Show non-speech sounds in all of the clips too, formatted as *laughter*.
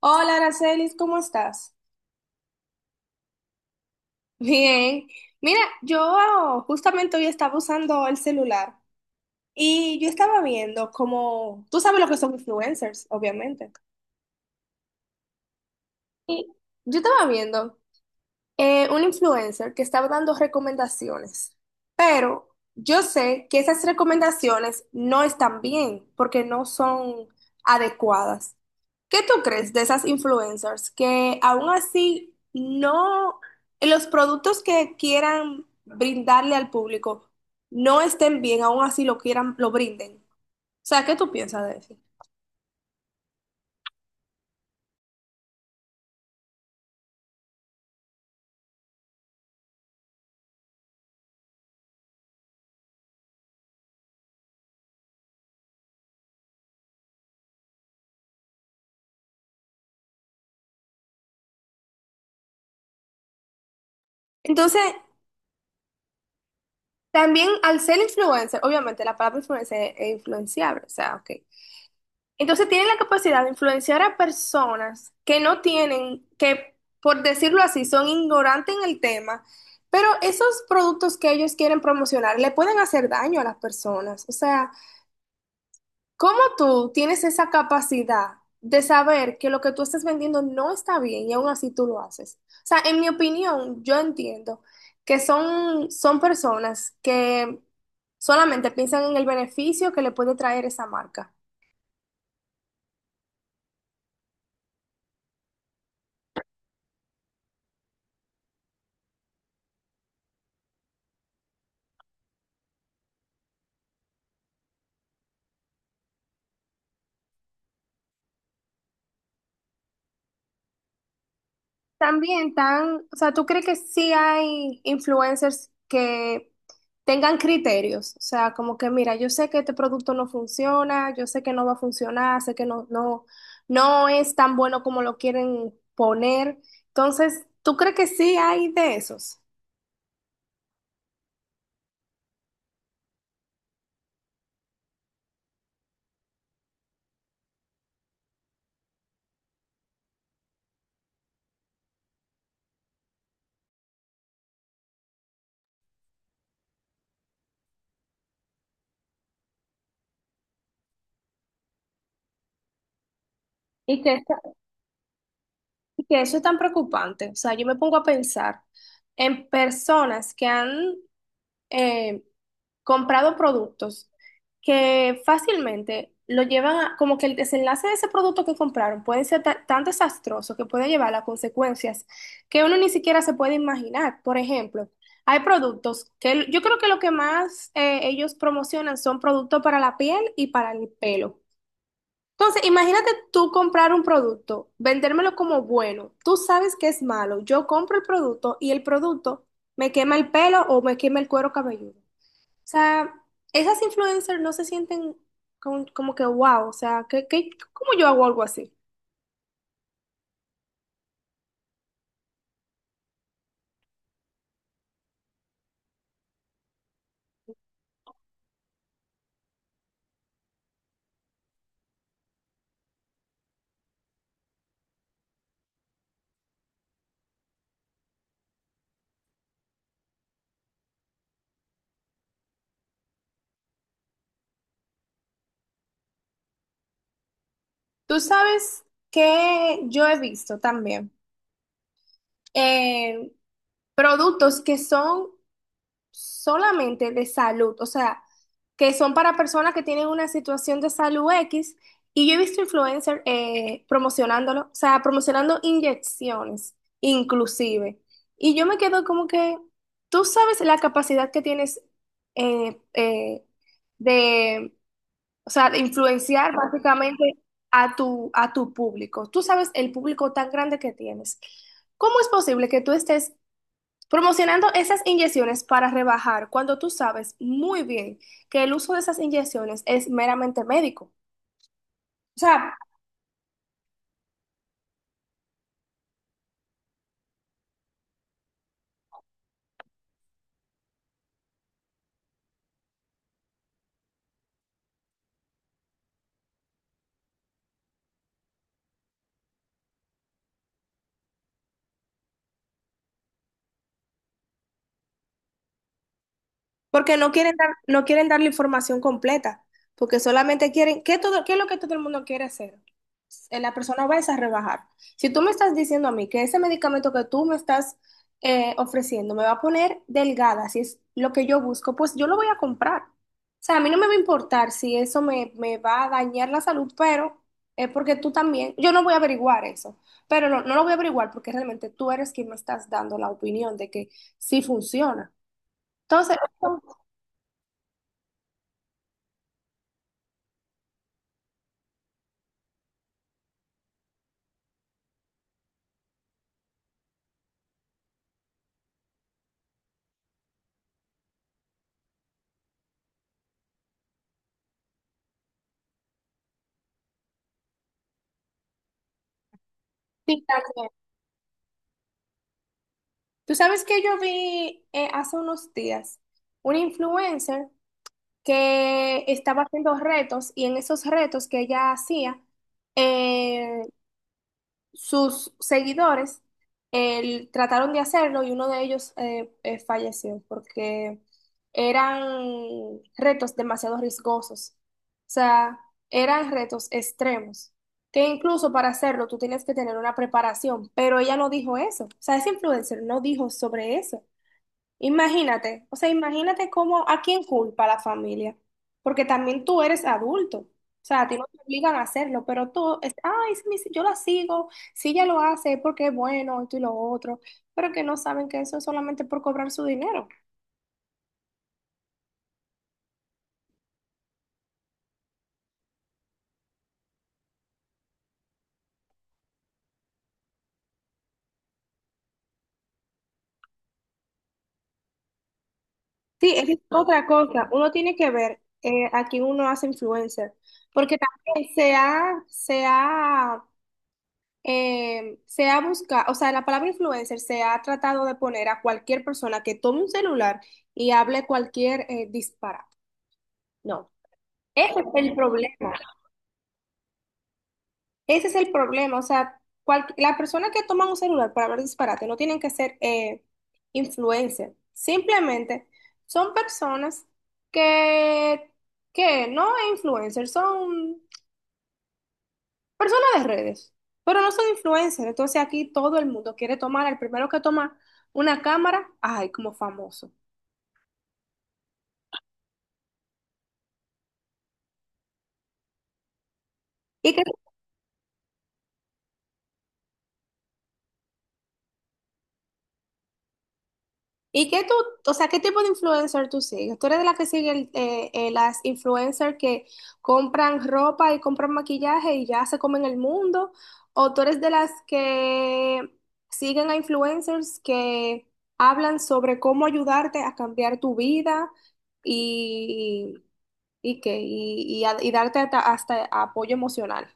Hola, Aracelis, ¿cómo estás? *laughs* Bien. Mira, yo justamente hoy estaba usando el celular y yo estaba viendo como, tú sabes lo que son influencers, obviamente. Y yo estaba viendo un influencer que estaba dando recomendaciones, pero yo sé que esas recomendaciones no están bien porque no son adecuadas. ¿Qué tú crees de esas influencers que aún así no, los productos que quieran brindarle al público no estén bien, aún así lo quieran, lo brinden? O sea, ¿qué tú piensas de eso? Entonces, también al ser influencer, obviamente la palabra influencer es influenciable, o sea, ok. Entonces tienen la capacidad de influenciar a personas que no tienen, que por decirlo así, son ignorantes en el tema, pero esos productos que ellos quieren promocionar le pueden hacer daño a las personas. O sea, ¿cómo tú tienes esa capacidad de saber que lo que tú estás vendiendo no está bien y aún así tú lo haces? O sea, en mi opinión, yo entiendo que son personas que solamente piensan en el beneficio que le puede traer esa marca. También tan, o sea, ¿tú crees que sí hay influencers que tengan criterios? O sea, como que mira, yo sé que este producto no funciona, yo sé que no va a funcionar, sé que no, no, no es tan bueno como lo quieren poner. Entonces, ¿tú crees que sí hay de esos? Y que, eso- y que eso es tan preocupante. O sea, yo me pongo a pensar en personas que han comprado productos que fácilmente lo llevan a, como que el desenlace de ese producto que compraron puede ser tan desastroso que puede llevar a consecuencias que uno ni siquiera se puede imaginar. Por ejemplo, hay productos que yo creo que lo que más ellos promocionan son productos para la piel y para el pelo. Entonces, imagínate tú comprar un producto, vendérmelo como bueno, tú sabes que es malo, yo compro el producto y el producto me quema el pelo o me quema el cuero cabelludo. O sea, esas influencers no se sienten como que wow, o sea, ¿qué, qué, cómo yo hago algo así? Tú sabes que yo he visto también eh, productos que son solamente de salud, o sea, que son para personas que tienen una situación de salud X, y yo he visto influencers promocionándolo, o sea, promocionando inyecciones, inclusive. Y yo me quedo como que tú sabes la capacidad que tienes, eh, eh, de, o sea, de influenciar básicamente a tu público. Tú sabes el público tan grande que tienes. ¿Cómo es posible que tú estés promocionando esas inyecciones para rebajar cuando tú sabes muy bien que el uso de esas inyecciones es meramente médico? O sea, porque no quieren dar, no quieren dar la información completa, porque solamente quieren, ¿qué todo, qué es lo que todo el mundo quiere hacer? La persona va es a rebajar. Si tú me estás diciendo a mí que ese medicamento que tú me estás ofreciendo me va a poner delgada, si es lo que yo busco, pues yo lo voy a comprar. O sea, a mí no me va a importar si eso me, me va a dañar la salud, pero es porque tú también, yo no voy a averiguar eso, pero no, no lo voy a averiguar porque realmente tú eres quien me estás dando la opinión de que sí funciona. Entonces, sí, también. Tú sabes que yo vi hace unos días una influencer que estaba haciendo retos y en esos retos que ella hacía, eh, sus seguidores trataron de hacerlo y uno de ellos, falleció porque eran retos demasiado riesgosos. O sea, eran retos extremos, que incluso para hacerlo tú tienes que tener una preparación, pero ella no dijo eso. O sea, esa influencer no dijo sobre eso. Imagínate, o sea, imagínate cómo, a quién culpa la familia, porque también tú eres adulto, o sea, a ti no te obligan a hacerlo, pero tú, es, ay, si yo la sigo, si ella lo hace es porque es bueno, esto y lo otro, pero que no saben que eso es solamente por cobrar su dinero. Sí, esa es otra cosa, uno tiene que ver a quién uno hace influencer, porque también se ha buscado, o sea, la palabra influencer se ha tratado de poner a cualquier persona que tome un celular y hable cualquier disparate. No, ese es el problema. Ese es el problema. O sea, cual, la persona que toma un celular para hablar disparate no tienen que ser influencer. Simplemente son personas que, que no es influencer, son personas de redes, pero no son influencers. Entonces aquí todo el mundo quiere tomar, el primero que toma una cámara, ay, como famoso. Y que ¿y qué tú, o sea, qué tipo de influencer tú sigues? ¿Tú eres de la que sigue las influencers que compran ropa y compran maquillaje y ya se comen el mundo? ¿O tú eres de las que siguen a influencers que hablan sobre cómo ayudarte a cambiar tu vida y, y, qué? ¿Y darte hasta apoyo emocional?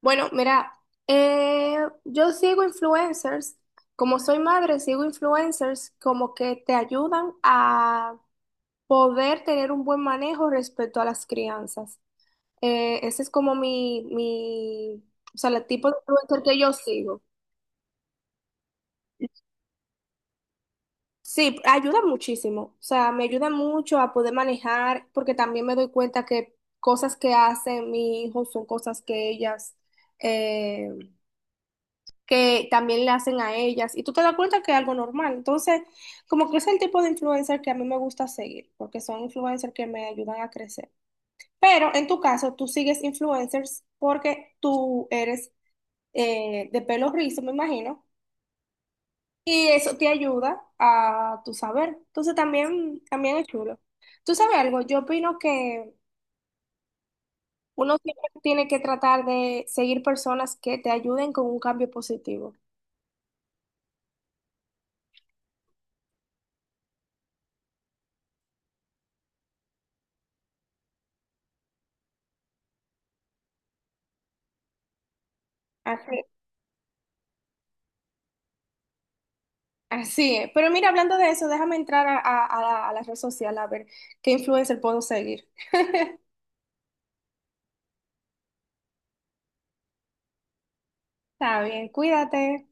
Bueno, mira, eh, yo sigo influencers. Como soy madre, sigo influencers como que te ayudan a poder tener un buen manejo respecto a las crianzas. Ese es como o sea, el tipo de influencer que yo sigo. Sí, ayuda muchísimo. O sea, me ayuda mucho a poder manejar, porque también me doy cuenta que cosas que hacen mi hijo son cosas que ellas, eh, que también le hacen a ellas y tú te das cuenta que es algo normal. Entonces, como que es el tipo de influencer que a mí me gusta seguir, porque son influencers que me ayudan a crecer. Pero en tu caso, tú sigues influencers porque tú eres de pelo rizo, me imagino, y eso te ayuda, a tu saber. Entonces, también, también es chulo. ¿Tú sabes algo? Yo opino que uno siempre tiene que tratar de seguir personas que te ayuden con un cambio positivo. Así. Sí, pero mira, hablando de eso, déjame entrar a, a la red social a ver qué influencer puedo seguir. Está bien, cuídate.